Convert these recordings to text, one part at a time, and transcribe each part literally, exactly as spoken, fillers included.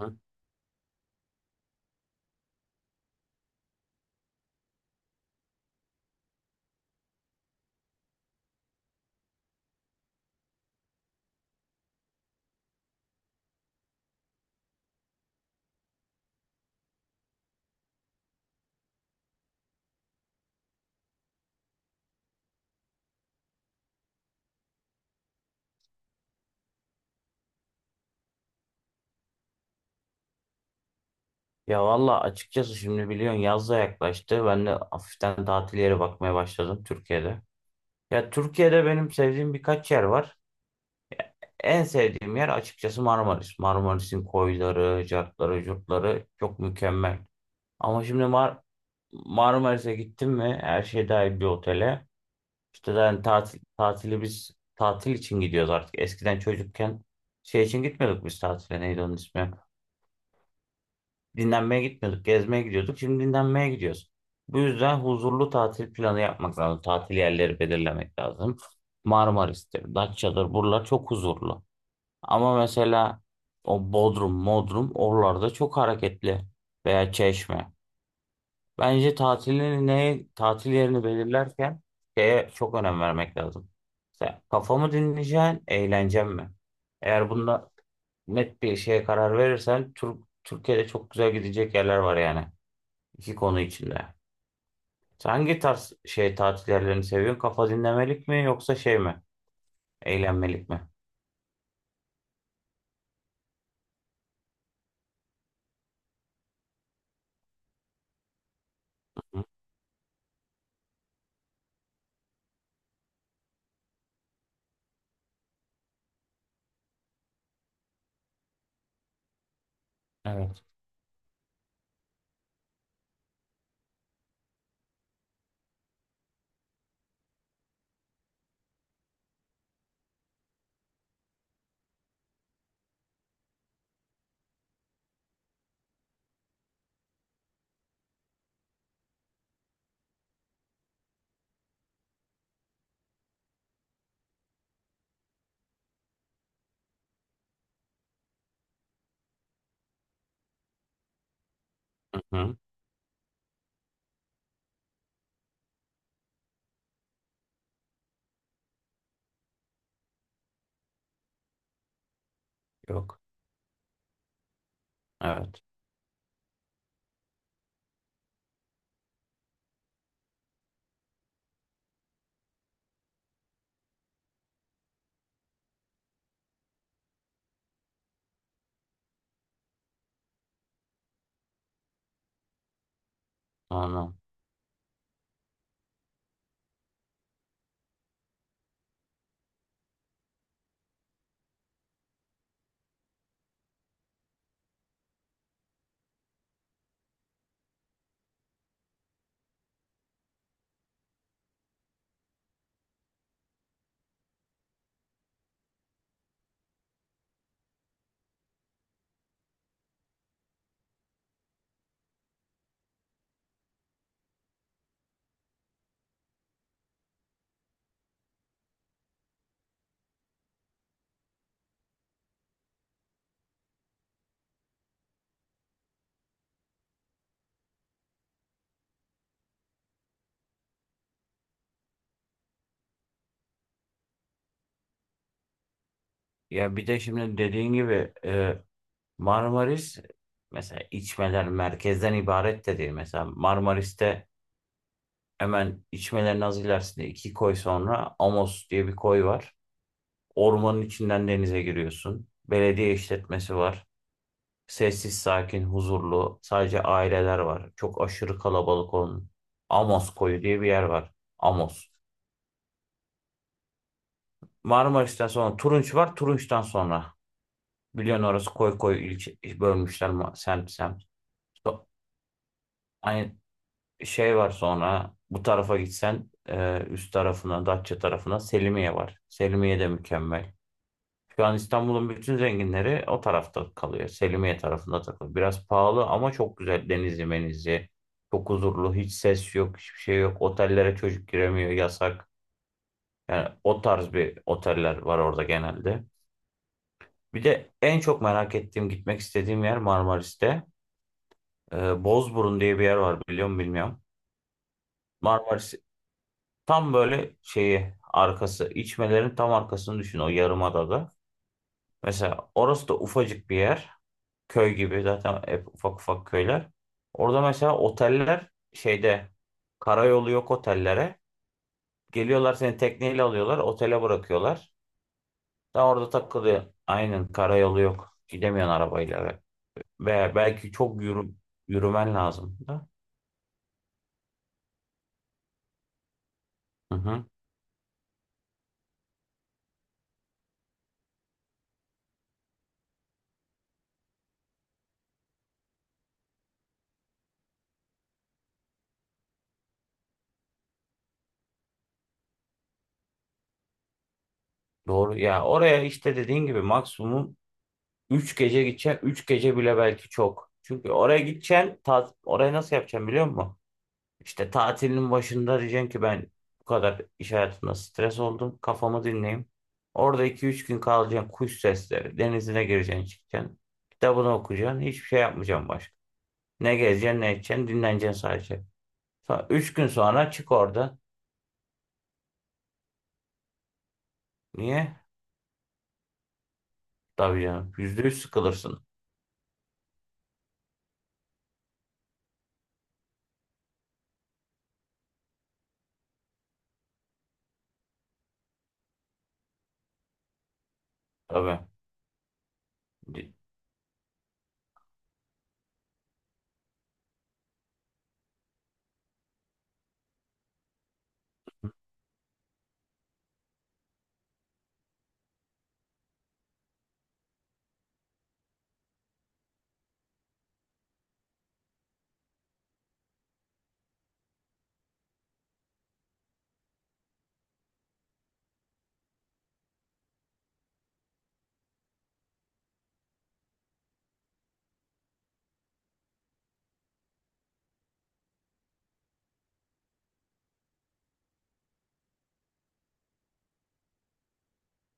Hı? Ya valla açıkçası şimdi biliyorsun yaz da yaklaştı. Ben de hafiften tatil yeri bakmaya başladım Türkiye'de. Ya Türkiye'de benim sevdiğim birkaç yer var. En sevdiğim yer açıkçası Marmaris. Marmaris'in koyları, cartları, curtları çok mükemmel. Ama şimdi Mar Marmaris'e gittim mi her şey dahil bir otele. İşte yani tatil, tatili biz tatil için gidiyoruz artık. Eskiden çocukken şey için gitmiyorduk biz tatile, neydi onun ismi? Dinlenmeye gitmiyorduk, gezmeye gidiyorduk. Şimdi dinlenmeye gidiyoruz. Bu yüzden huzurlu tatil planı yapmak lazım. Tatil yerleri belirlemek lazım. Marmaris'tir, Datça'dır. Buralar çok huzurlu. Ama mesela o Bodrum, Modrum oralarda çok hareketli, veya Çeşme. Bence tatilini, ne, tatil yerini belirlerken şeye çok önem vermek lazım. Mesela kafamı dinleyeceğin, eğleneceğim mi? Eğer bunda net bir şeye karar verirsen Türk Türkiye'de çok güzel gidecek yerler var yani. İki konu içinde. Sen hangi tarz şey, tatil yerlerini seviyorsun? Kafa dinlemelik mi yoksa şey mi? Eğlenmelik mi? Hı. Evet. Hı. Yok. Evet. Anladım. Ya bir de şimdi dediğin gibi, e, Marmaris mesela, içmeler merkezden ibaret de değil. Mesela Marmaris'te hemen içmelerin az ilerisinde iki koy sonra Amos diye bir koy var. Ormanın içinden denize giriyorsun. Belediye işletmesi var. Sessiz, sakin, huzurlu. Sadece aileler var. Çok aşırı kalabalık olan. Amos koyu diye bir yer var. Amos. Marmaris'ten sonra Turunç var. Turunç'tan sonra, biliyorsun orası koy koy, ilçe bölmüşler, ma- semt semt. So- Aynı şey var. Sonra bu tarafa gitsen, e, üst tarafına, Datça tarafına Selimiye var. Selimiye de mükemmel. Şu an İstanbul'un bütün zenginleri o tarafta kalıyor. Selimiye tarafında takılıyor. Biraz pahalı ama çok güzel. Denizli menizli. Çok huzurlu. Hiç ses yok. Hiçbir şey yok. Otellere çocuk giremiyor. Yasak. Yani o tarz bir oteller var orada genelde. Bir de en çok merak ettiğim, gitmek istediğim yer Marmaris'te. Ee, Bozburun diye bir yer var, biliyor musun bilmiyorum. Marmaris tam böyle şeyi arkası. İçmelerin tam arkasını düşün, o yarımadada. Mesela orası da ufacık bir yer. Köy gibi zaten, hep ufak ufak köyler. Orada mesela oteller şeyde, karayolu yok otellere. Geliyorlar seni tekneyle alıyorlar, otele bırakıyorlar. Daha orada takılıyor. Aynen karayolu yok. Gidemiyorsun arabayla, ve, ve belki çok yürü, yürümen lazım da. Hı hı. Doğru ya, oraya işte dediğin gibi maksimum üç gece gideceksin. Üç gece bile belki çok. Çünkü oraya gideceksin, tat- orayı nasıl yapacaksın biliyor musun? İşte tatilin başında diyeceksin ki, ben bu kadar iş hayatında stres oldum, kafamı dinleyeyim. Orada iki üç gün kalacaksın. Kuş sesleri. Denizine gireceksin çıkacaksın. Kitabını okuyacaksın. Hiçbir şey yapmayacaksın başka. Ne gezeceksin ne edeceksin. Dinleneceksin sadece. Sonra üç gün sonra çık orada. Niye? Tabii canım. Yüzde yüz sıkılırsın. Tabii. Di-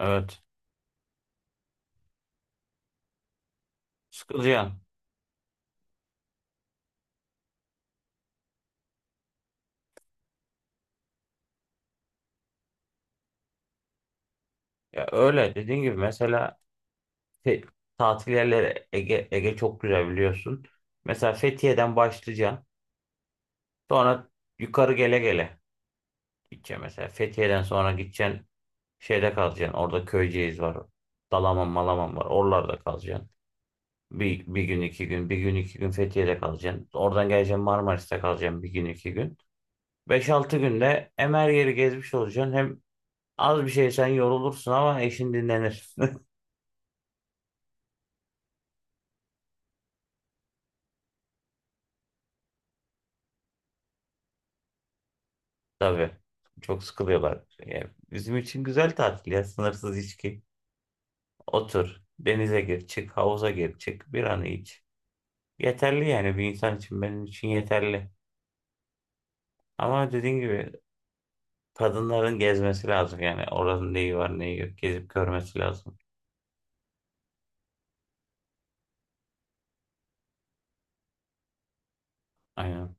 Evet. Sıkılacaksın. Ya öyle. Dediğin gibi mesela, te- tatil yerleri, Ege, Ege çok güzel biliyorsun. Mesela Fethiye'den başlayacaksın. Sonra yukarı gele gele gideceksin mesela. Fethiye'den sonra gideceksin, şeyde kalacaksın. Orada Köyceğiz var. Dalaman Malaman var. Oralarda kalacaksın. Bir, bir gün iki gün. Bir gün iki gün Fethiye'de kalacaksın. Oradan geleceksin, Marmaris'te kalacaksın bir gün iki gün. Beş altı günde hem her yeri gezmiş olacaksın, hem az bir şey sen yorulursun ama eşin dinlenir. Tabii. Çok sıkılıyorlar. Yani bizim için güzel tatil ya. Sınırsız içki. Otur. Denize gir, çık, havuza gir, çık, bir an iç. Yeterli yani, bir insan için, benim için yeterli. Ama dediğin gibi, kadınların gezmesi lazım yani, oranın neyi var neyi yok gezip görmesi lazım. Aynen.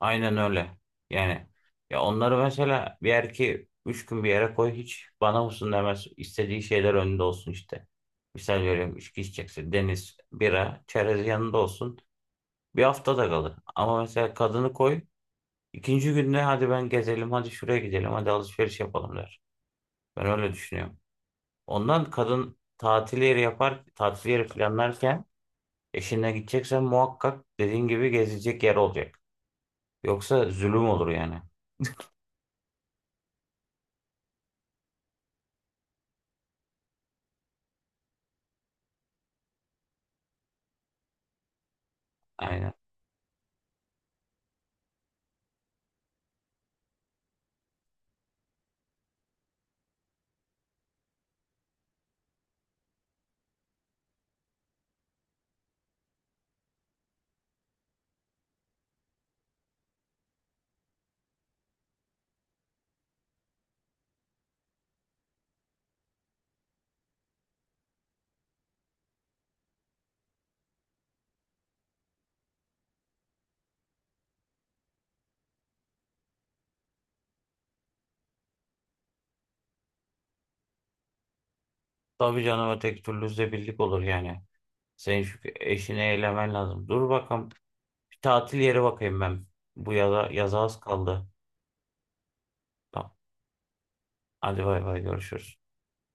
Aynen öyle. Yani ya, onları mesela, bir erkeği üç gün bir yere koy, hiç bana mısın demez. İstediği şeyler önünde olsun işte. Misal veriyorum, içki içecekse deniz, bira, çerez yanında olsun. Bir hafta da kalır. Ama mesela kadını koy, ikinci günde hadi ben gezelim, hadi şuraya gidelim, hadi alışveriş yapalım der. Ben öyle düşünüyorum. Ondan kadın tatil yeri yapar, tatil yeri planlarken eşine gideceksen muhakkak dediğin gibi gezilecek yer olacak. Yoksa zulüm olur yani. Aynen. Tabii canım, öteki türlü zebirlik olur yani. Senin şu eşini eylemen lazım. Dur bakalım, bir tatil yeri bakayım ben. Bu yaza, yaza az kaldı. Tamam. Hadi bay bay, görüşürüz.